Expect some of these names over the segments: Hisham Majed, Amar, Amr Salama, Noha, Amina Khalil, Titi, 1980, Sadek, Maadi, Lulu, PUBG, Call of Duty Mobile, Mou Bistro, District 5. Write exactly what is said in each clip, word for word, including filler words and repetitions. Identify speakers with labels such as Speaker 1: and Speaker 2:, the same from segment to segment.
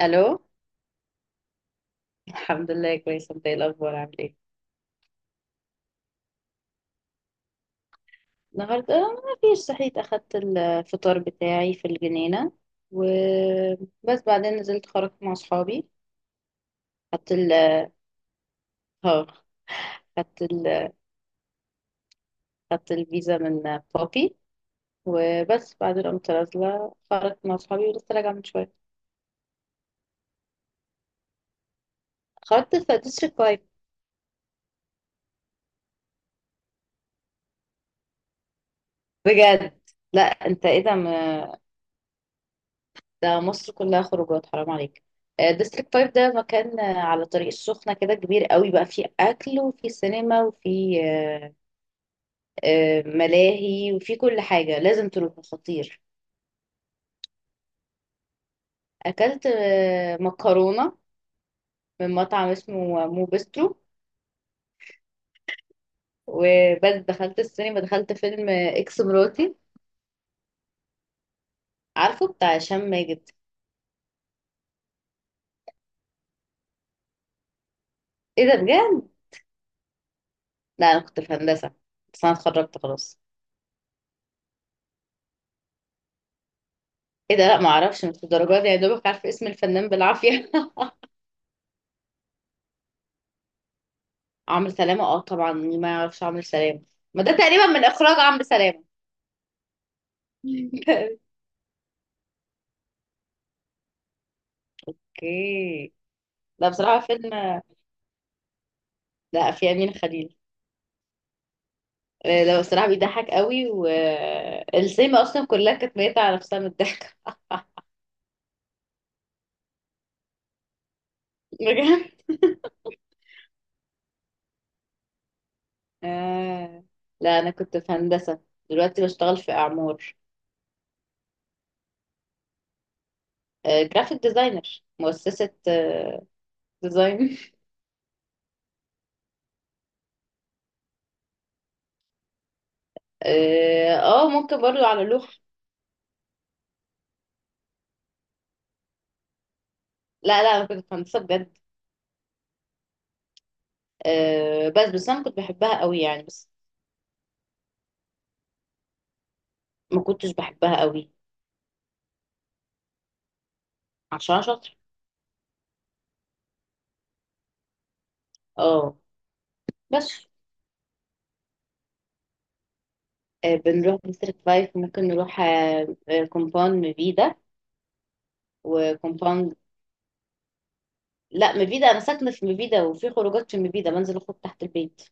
Speaker 1: الو. الحمد لله كويسه. انت ايه الاخبار، عامل ايه؟ النهارده ما فيش، صحيت اخدت الفطار بتاعي في الجنينه وبس، بعدين نزلت خرجت مع اصحابي. خدت ال اه. خدت ال خدت الفيزا من بابي، وبس بعدين قمت نازله خرجت مع اصحابي ولسه راجعه من شويه. خرجت في ديستريكت فايف. بجد. لا انت ايه ده؟ ده مصر كلها خروجات، حرام عليك. ديستريكت فايف ده مكان آه، على طريق السخنة كده، كبير قوي بقى، فيه أكل وفيه سينما وفيه آه، آه، ملاهي، وفيه كل حاجة، لازم تروح، خطير. أكلت آه، مكرونة من مطعم اسمه مو بسترو وبس. دخلت السينما، دخلت فيلم آه، إكس مراتي. عارفه، بتاع هشام ماجد. ايه ده بجد؟ لا أنا كنت في هندسة، بس أنا اتخرجت خلاص. ايه ده؟ لا معرفش، مش الدرجات دي، يا دوبك عارفة اسم الفنان بالعافية. عمرو سلامة؟ اه طبعا، مين ما يعرفش عمرو سلامة. ما ده تقريبا من اخراج عمرو سلامة. اوكي. لا بصراحة فيلم... لا، في أمينة خليل. آه، لا بصراحة بيضحك قوي، والسينما أصلا كلها كانت ميتة على نفسها من الضحك. بجد. آه. لا أنا كنت في هندسة، دلوقتي بشتغل في أعمار. آه، جرافيك ديزاينر، مؤسسة آه، ديزاين. اه. آه، ممكن برضو على لوح. لا لا، أنا كنت في هندسة بجد. آه، بس بس أنا كنت بحبها قوي، يعني بس ما كنتش بحبها قوي. عشان شاطر. اه. بس آه، بنروح ديستريكت فايف، ممكن نروح كومباوند مبيدة وكومباوند. لا، مبيدة انا ساكنة في مبيدة، وفي خروجات في مبيدة، بنزل اخرج تحت البيت.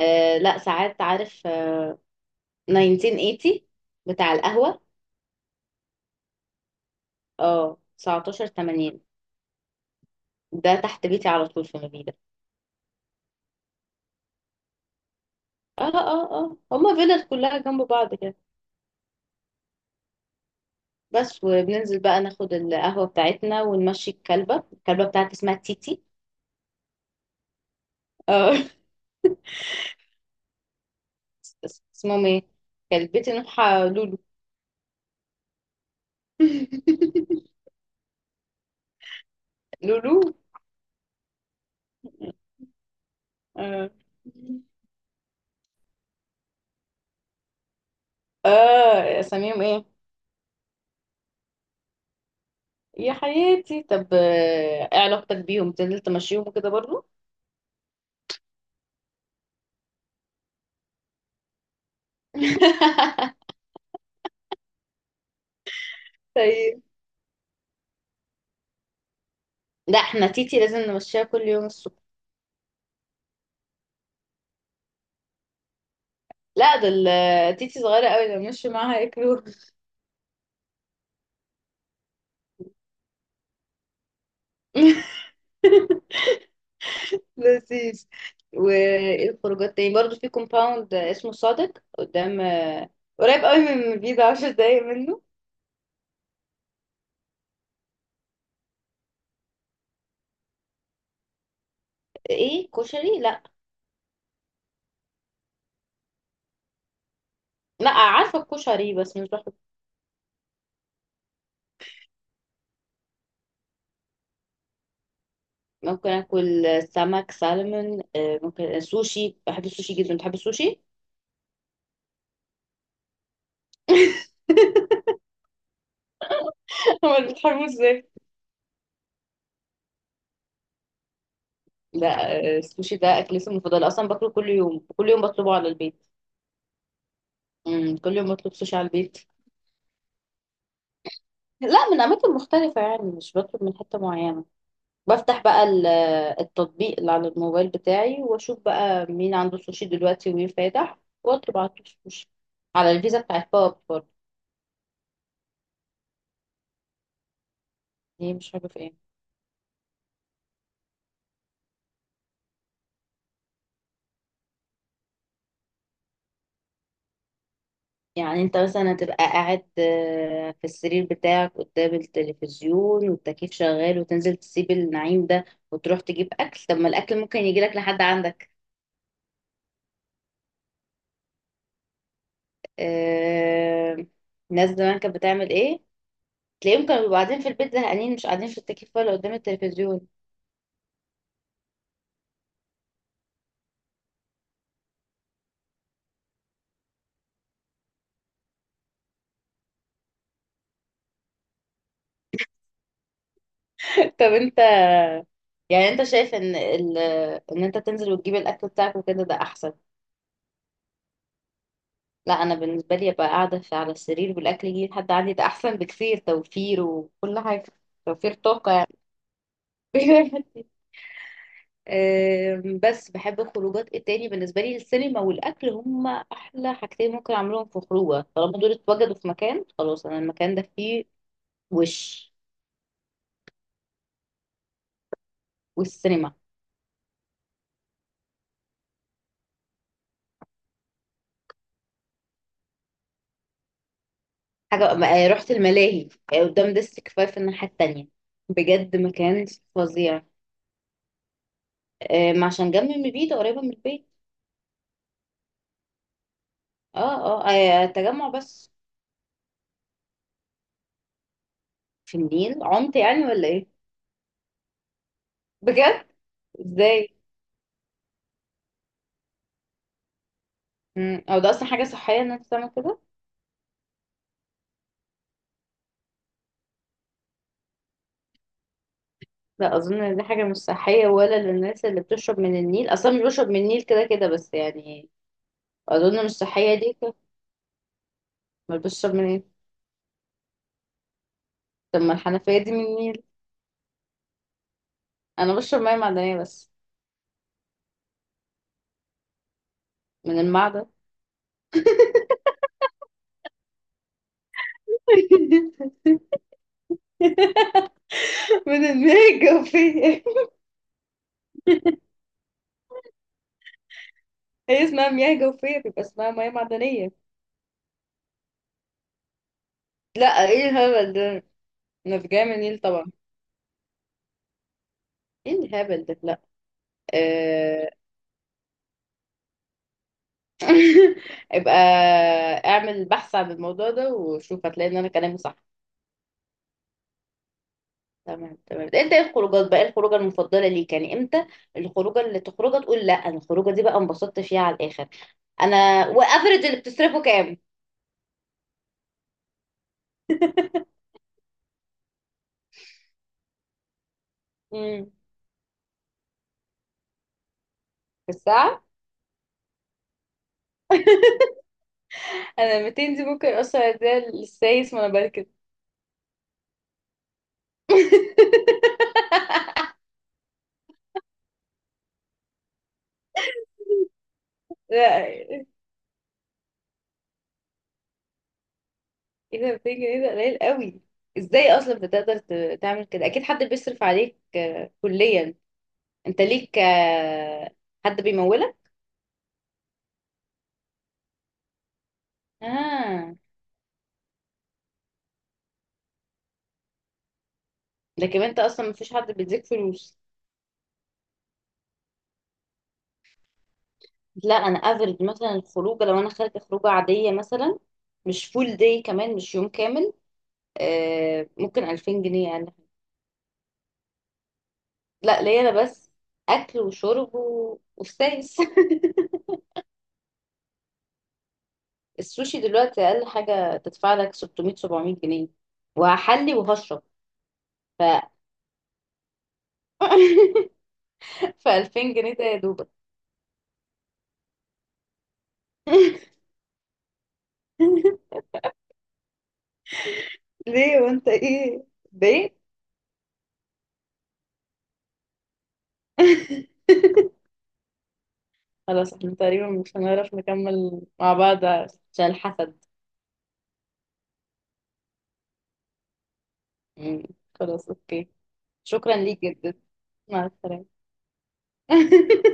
Speaker 1: آه لا، ساعات عارف آه، تسعتاشر تمانين، بتاع القهوة. اه، تسعة عشر تمانين. ده تحت بيتي على طول في مبيدة. اه اه اه، هما فيلل كلها جنب بعض كده. بس، وبننزل بقى ناخد القهوة بتاعتنا ونمشي الكلبة الكلبة بتاعتي اسمها تيتي. اه. اسمهم ايه؟ كلبتي نوحة لولو. لولو. اه. آه، اساميهم ايه؟ يا حياتي. طب آه، ايه علاقتك بيهم، تنزل تمشيهم وكده برضو؟ طيب. لا، احنا تيتي لازم نمشيها كل يوم الصبح. لا دول آه، تيتي صغيرة قوي، لو مشي معاها ياكلوها. لذيذ. والخروجات تاني برضو في كومباوند اسمه صادق، قدام آه، قريب قوي من بيضة، عشر دقايق منه. ايه كشري؟ لا. لا، عارفة الكشري بس مش بحب. ممكن اكل سمك سالمون، آه، ممكن سوشي، بحب السوشي جدا. بتحب السوشي؟ امال بتحبه ازاي؟ لا آه، السوشي ده اكلتي المفضلة اصلا، باكله كل يوم، كل يوم بطلبه على البيت. مم، كل يوم بطلب سوشي على البيت. لا، من اماكن مختلفة، يعني مش بطلب من حتة معينة. بفتح بقى ال- آه، التطبيق اللي على الموبايل بتاعي، واشوف بقى مين عنده سوشي دلوقتي ومين فاتح، واطلب على طول سوشي، على الفيزا بتاعت باب برضه. دي مش عارفة ايه. يعني انت مثلا هتبقى قاعد آه، في السرير بتاعك قدام التلفزيون والتكييف شغال، وتنزل تسيب النعيم ده وتروح تجيب اكل؟ طب ما الاكل ممكن يجيلك لحد عندك. آه، الناس زمان كانت بتعمل ايه؟ تلاقيهم كانوا بيبقوا قاعدين في البيت زهقانين، مش قاعدين في التكييف ولا قدام التلفزيون. طب انت، يعني انت شايف ان ال... ان انت تنزل وتجيب الاكل بتاعك وكده ده احسن؟ لا، انا بالنسبه لي ابقى قاعده في على السرير والاكل يجي لحد عندي، ده احسن بكثير، توفير وكل حاجه، توفير طاقه. آم، بس بحب الخروجات التاني. بالنسبة لي السينما والأكل هما أحلى حاجتين ممكن أعملهم في خروجة، طالما دول اتوجدوا في مكان خلاص، أنا المكان ده فيه وش... والسينما. حاجة آه، رحت الملاهي آه، قدام ديستريكت فايف الناحية التانية، بجد مكان فظيع. آم، عشان جنب من البيت، قريبة من البيت. اه اه، آه، تجمع بس. في النيل؟ عمت يعني ولا ايه؟ بجد؟ ازاي؟ مم، او ده اصلا حاجة صحية ان انت تعمل كده؟ لا اظن ان دي حاجه مش صحيه، ولا للناس اللي بتشرب من النيل. اصلا مش بشرب من النيل كده كده، بس يعني اظن مش صحيه دي ك- ما بشرب من ايه؟ طب ما الحنفيه دي من النيل. انا بشرب ميه معدنيه بس. من المعدن. من المياه الجوفيه. هي اسمها مياه جوفيه، بيبقى اسمها ميه معدنيه. لا ايه الهبل ده؟ انا في جاي من النيل طبعا. ايه الهبل ده؟ لا. آه، يبقى اعمل بحث عن الموضوع ده، وشوف هتلاقي ان انا كلامي صح. تمام تمام. انت ايه الخروجات بقى؟ ايه الخروجه المفضله ليك يعني؟ امتى الخروجه اللي تخرجها تقول لا انا الخروجه دي بقى انبسطت فيها على الاخر؟ انا وافرج اللي بتصرفه كام؟ امم. في الساعه؟ انا ميتين دي ممكن اصلا اديها للسايس وانا بركب. لا ايه؟ ده ميتين جنيه ده قليل قوي. ازاي اصلا بتقدر ت- تعمل كده؟ اكيد حد بيصرف عليك آه، كليا. انت ليك آه، حد بيمولك. اه. لكن انت اصلا مفيش حد بيديك فلوس. لا، انا افرض مثلا الخروجه، لو انا خارجه خروجه عاديه مثلا، مش فول داي كمان، مش يوم كامل، آه ممكن ألفين جنيه يعني. لا، ليا انا بس، اكل وشرب و- وستايس. السوشي دلوقتي اقل حاجه تدفع لك ستمية سبعمية جنيه، وهحلي وهشرب. ف... ف ألفين جنيه ده يا دوبك. ليه، وانت ايه ده؟ خلاص، احنا تقريبا مش هنعرف نكمل مع بعض عشان الحسد. مم، خلاص اوكي. شكرا ليك جدا. مع السلامة.